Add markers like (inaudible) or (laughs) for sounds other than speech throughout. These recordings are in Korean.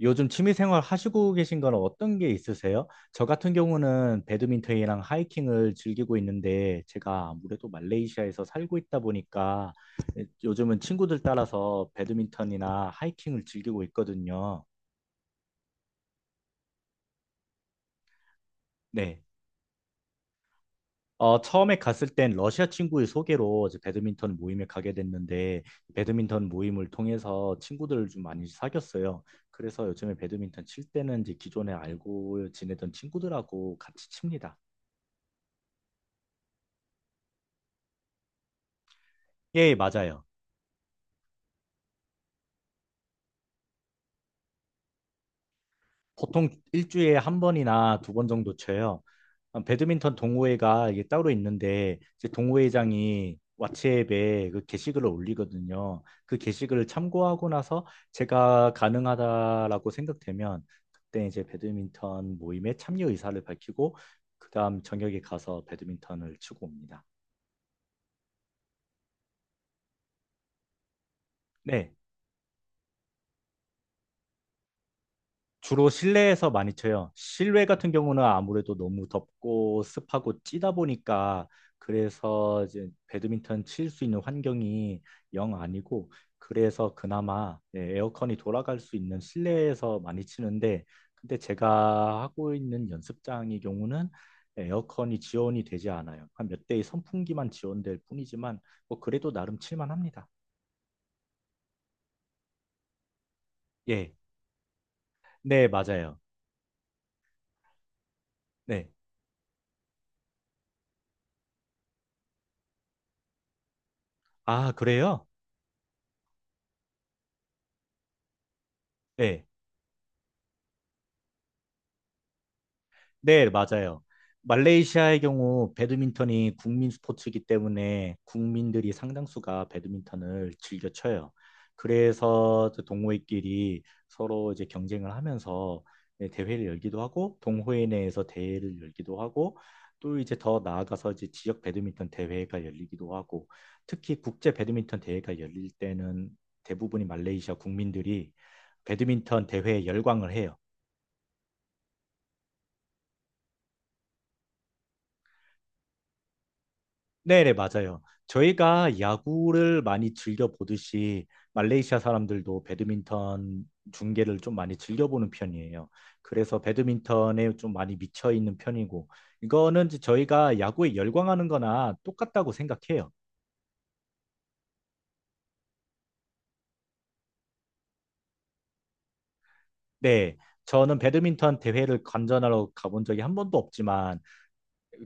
요즘 취미생활 하시고 계신 건 어떤 게 있으세요? 저 같은 경우는 배드민턴이랑 하이킹을 즐기고 있는데 제가 아무래도 말레이시아에서 살고 있다 보니까 예, 요즘은 친구들 따라서 배드민턴이나 하이킹을 즐기고 있거든요. 네. 처음에 갔을 땐 러시아 친구의 소개로 이제 배드민턴 모임에 가게 됐는데 배드민턴 모임을 통해서 친구들을 좀 많이 사귀었어요. 그래서 요즘에 배드민턴 칠 때는 이제 기존에 알고 지내던 친구들하고 같이 칩니다. 예, 맞아요. 보통 일주일에 한 번이나 두 번 정도 쳐요. 아, 배드민턴 동호회가 이게 따로 있는데 이제 동호회장이 왓츠앱에 그 게시글을 올리거든요. 그 게시글을 참고하고 나서 제가 가능하다라고 생각되면 그때 이제 배드민턴 모임에 참여 의사를 밝히고 그다음 저녁에 가서 배드민턴을 치고 옵니다. 네. 주로 실내에서 많이 쳐요. 실외 같은 경우는 아무래도 너무 덥고 습하고 찌다 보니까 그래서 이제 배드민턴 칠 수 있는 환경이 영 아니고, 그래서 그나마 예, 에어컨이 돌아갈 수 있는 실내에서 많이 치는데 근데 제가 하고 있는 연습장의 경우는 에어컨이 지원이 되지 않아요. 한 몇 대의 선풍기만 지원될 뿐이지만 뭐 그래도 나름 칠만합니다. 예, 네 맞아요. 네, 아 그래요? 예. 네, 맞아요. 말레이시아의 경우 배드민턴이 국민 스포츠이기 때문에 국민들이 상당수가 배드민턴을 즐겨 쳐요. 그래서 그 동호회끼리 서로 이제 경쟁을 하면서 네, 대회를 열기도 하고 동호회 내에서 대회를 열기도 하고 또 이제 더 나아가서 이제 지역 배드민턴 대회가 열리기도 하고 특히 국제 배드민턴 대회가 열릴 때는 대부분이 말레이시아 국민들이 배드민턴 대회에 열광을 해요. 네네, 맞아요. 저희가 야구를 많이 즐겨 보듯이 말레이시아 사람들도 배드민턴 중계를 좀 많이 즐겨 보는 편이에요. 그래서 배드민턴에 좀 많이 미쳐 있는 편이고, 이거는 이제 저희가 야구에 열광하는 거나 똑같다고 생각해요. 네, 저는 배드민턴 대회를 관전하러 가본 적이 한 번도 없지만,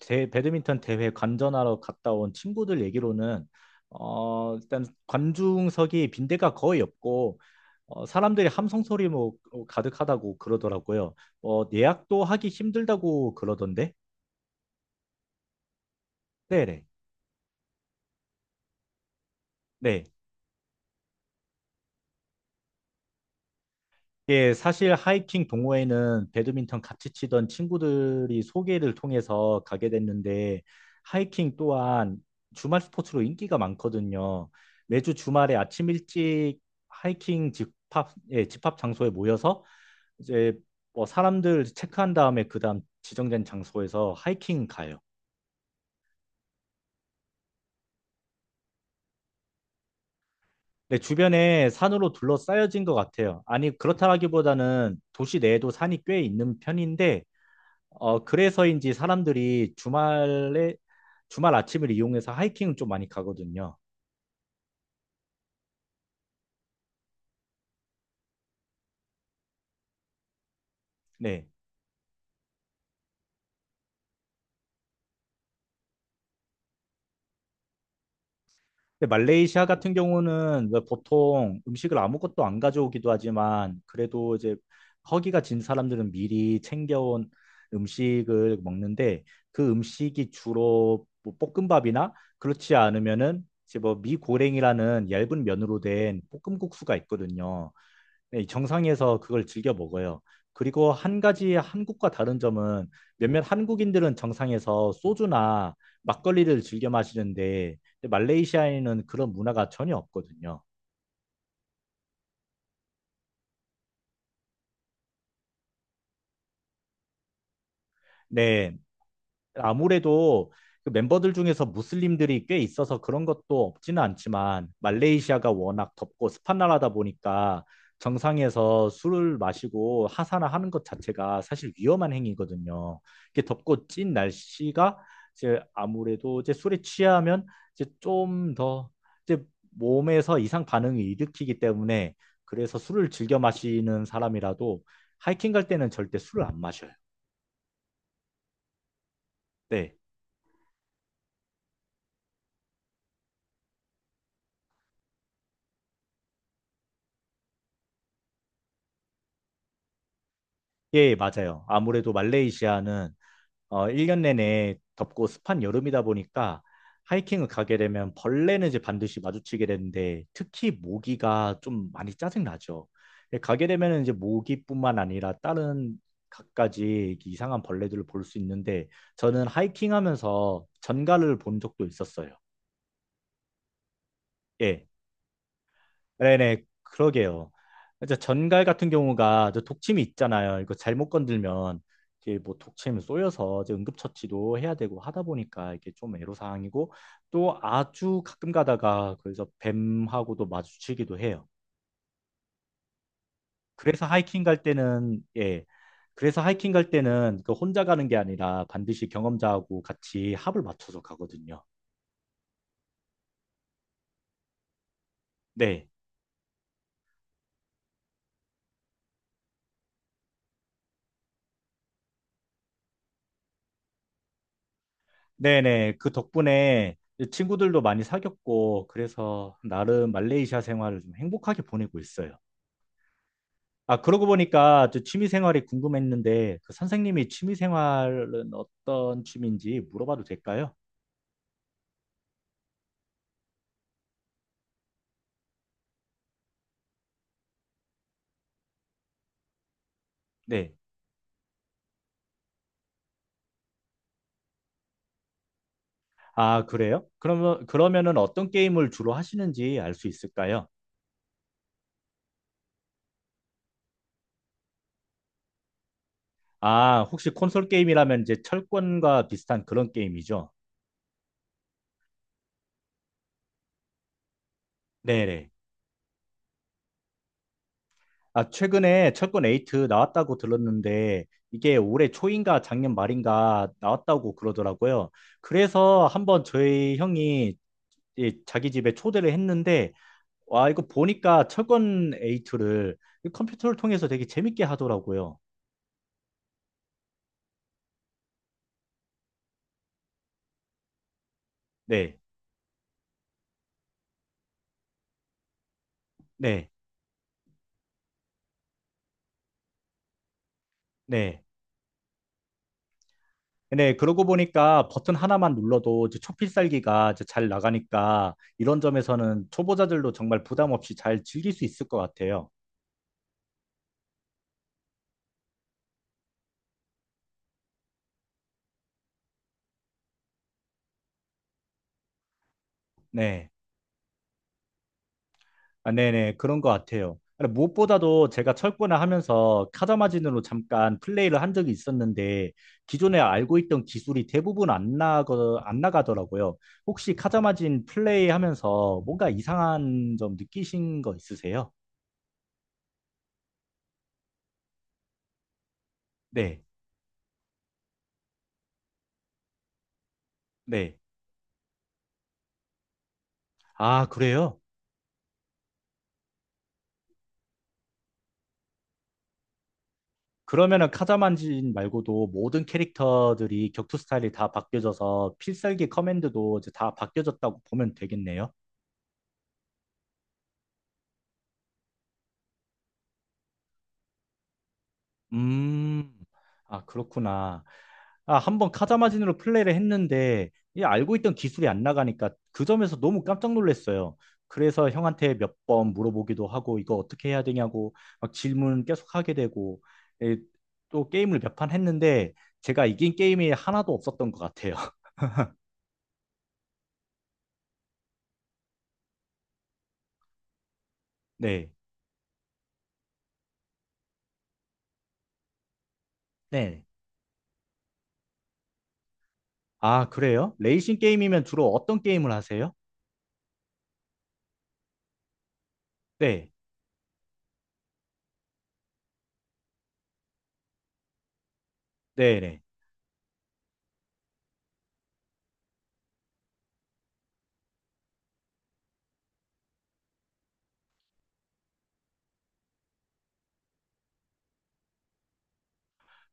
배드민턴 대회 관전하러 갔다 온 친구들 얘기로는 일단 관중석이 빈대가 거의 없고 사람들이 함성 소리 뭐 가득하다고 그러더라고요. 예약도 하기 힘들다고 그러던데. 네네. 네. 네. 예, 사실 하이킹 동호회는 배드민턴 같이 치던 친구들이 소개를 통해서 가게 됐는데 하이킹 또한 주말 스포츠로 인기가 많거든요. 매주 주말에 아침 일찍 예, 집합 장소에 모여서 이제 뭐 사람들 체크한 다음에 그다음 지정된 장소에서 하이킹 가요. 네, 주변에 산으로 둘러싸여진 것 같아요. 아니, 그렇다기보다는 도시 내에도 산이 꽤 있는 편인데 그래서인지 사람들이 주말에, 주말 아침을 이용해서 하이킹을 좀 많이 가거든요. 네. 근데 말레이시아 같은 경우는 왜 보통 음식을 아무것도 안 가져오기도 하지만 그래도 이제 허기가 진 사람들은 미리 챙겨온 음식을 먹는데 그 음식이 주로 뭐 볶음밥이나 그렇지 않으면은 이제 뭐 미고랭이라는 얇은 면으로 된 볶음국수가 있거든요. 네, 정상에서 그걸 즐겨 먹어요. 그리고 한 가지 한국과 다른 점은 몇몇 한국인들은 정상에서 소주나 막걸리를 즐겨 마시는데 말레이시아에는 그런 문화가 전혀 없거든요. 네, 아무래도 그 멤버들 중에서 무슬림들이 꽤 있어서 그런 것도 없지는 않지만 말레이시아가 워낙 덥고 습한 나라다 보니까 정상에서 술을 마시고 하사나 하는 것 자체가 사실 위험한 행위거든요. 이게 렇 덥고 찐 날씨가 이제 아무래도 이제 술에 취하면 이제 좀 더 이제 몸에서 이상 반응을 일으키기 때문에 그래서 술을 즐겨 마시는 사람이라도 하이킹 갈 때는 절대 술을 안 마셔요. 네. 예, 맞아요. 아무래도 말레이시아는 1년 내내 덥고 습한 여름이다 보니까 하이킹을 가게 되면 벌레는 이제 반드시 마주치게 되는데 특히 모기가 좀 많이 짜증나죠. 예, 가게 되면 이제 모기뿐만 아니라 다른 갖가지 이렇게 이상한 벌레들을 볼 수 있는데 저는 하이킹하면서 전갈을 본 적도 있었어요. 예. 네네, 그러게요. 이제 전갈 같은 경우가 저 독침이 있잖아요. 이거 잘못 건들면 이게 뭐 독침 쏘여서 이제 응급처치도 해야 되고 하다 보니까 이게 좀 애로사항이고 또 아주 가끔 가다가 그래서 뱀하고도 마주치기도 해요. 그래서 하이킹 갈 때는 예, 그래서 하이킹 갈 때는 그 혼자 가는 게 아니라 반드시 경험자하고 같이 합을 맞춰서 가거든요. 네. 네네. 그 덕분에 친구들도 많이 사귀었고, 그래서 나름 말레이시아 생활을 좀 행복하게 보내고 있어요. 아, 그러고 보니까 저 취미 생활이 궁금했는데, 그 선생님이 취미 생활은 어떤 취미인지 물어봐도 될까요? 네. 아, 그래요? 그러면은 어떤 게임을 주로 하시는지 알 수 있을까요? 아, 혹시 콘솔 게임이라면 이제 철권과 비슷한 그런 게임이죠? 네네. 아, 최근에 철권 8 나왔다고 들었는데 이게 올해 초인가 작년 말인가 나왔다고 그러더라고요. 그래서 한번 저희 형이 이 자기 집에 초대를 했는데 와, 이거 보니까 철권 8를 컴퓨터를 통해서 되게 재밌게 하더라고요. 네. 네. 네. 네, 그러고 보니까 버튼 하나만 눌러도 이제 초필살기가 이제 잘 나가니까 이런 점에서는 초보자들도 정말 부담 없이 잘 즐길 수 있을 것 같아요. 네. 아, 네네, 그런 것 같아요. 근데 무엇보다도 제가 철거나 하면서 타자 마진으로 잠깐 플레이를 한 적이 있었는데, 기존에 알고 있던 기술이 대부분 안 나가, 안 나가더라고요. 혹시 카자 마진 플레이 하면서 뭔가 이상한 점 느끼신 거 있으세요? 네, 네. 아, 그래요? 그러면은 카자만진 말고도 모든 캐릭터들이 격투 스타일이 다 바뀌어져서 필살기 커맨드도 이제 다 바뀌어졌다고 보면 되겠네요. 음, 아, 그렇구나. 아, 한번 카자마진으로 플레이를 했는데 이 알고 있던 기술이 안 나가니까 그 점에서 너무 깜짝 놀랐어요. 그래서 형한테 몇 번 물어보기도 하고 이거 어떻게 해야 되냐고 막 질문 계속 하게 되고 예, 또 게임을 몇 판 했는데 제가 이긴 게임이 하나도 없었던 것 같아요. (laughs) 네. 네. 아, 그래요? 레이싱 게임이면 주로 어떤 게임을 하세요? 네. 네, 네.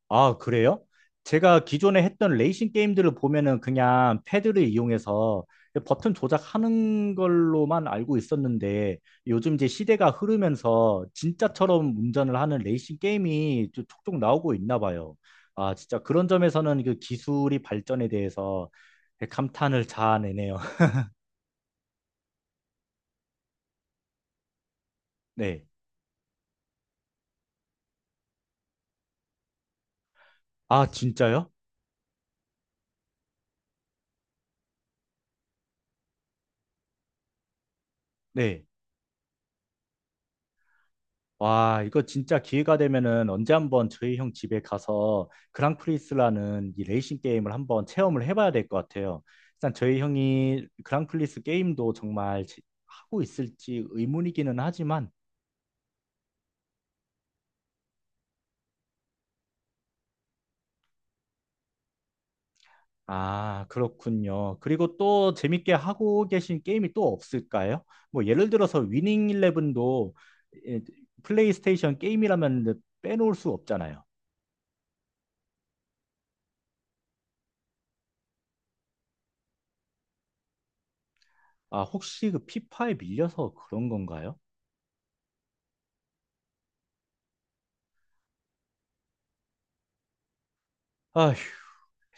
아, 그래요? 제가 기존에 했던 레이싱 게임들을 보면은 그냥 패드를 이용해서 버튼 조작하는 걸로만 알고 있었는데 요즘 이제 시대가 흐르면서 진짜처럼 운전을 하는 레이싱 게임이 좀 촉촉 나오고 있나 봐요. 아, 진짜 그런 점에서는 그 기술이 발전에 대해서 감탄을 자아내네요. (laughs) 네. 아, 진짜요? 네. 와, 이거 진짜 기회가 되면은 언제 한번 저희 형 집에 가서 그랑프리스라는 이 레이싱 게임을 한번 체험을 해봐야 될 것 같아요. 일단 저희 형이 그랑프리스 게임도 정말 지- 하고 있을지 의문이기는 하지만, 아, 그렇군요. 그리고 또 재밌게 하고 계신 게임이 또 없을까요? 뭐 예를 들어서 위닝 일레븐도 예, 플레이스테이션 게임이라면 빼놓을 수 없잖아요. 아, 혹시 그 피파에 밀려서 그런 건가요? 아휴,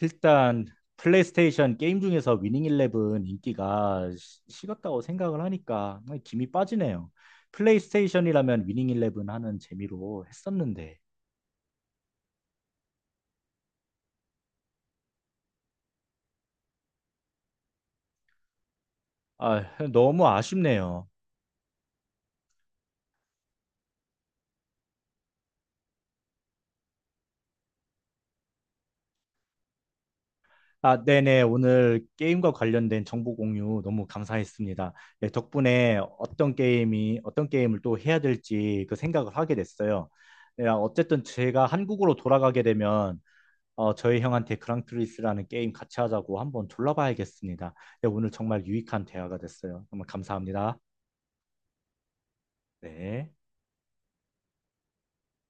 일단 플레이스테이션 게임 중에서 위닝 일레븐 인기가 시- 식었다고 생각을 하니까 김이 빠지네요. 플레이스테이션이라면 위닝 일레븐 하는 재미로 했었는데 아, 너무 아쉽네요. 아, 네네. 오늘 게임과 관련된 정보 공유 너무 감사했습니다. 네, 덕분에 어떤 게임을 또 해야 될지 그 생각을 하게 됐어요. 네, 아, 어쨌든 제가 한국으로 돌아가게 되면 어, 저희 형한테 그랑프리스라는 게임 같이 하자고 한번 둘러봐야겠습니다. 네, 오늘 정말 유익한 대화가 됐어요. 정말 감사합니다. 네.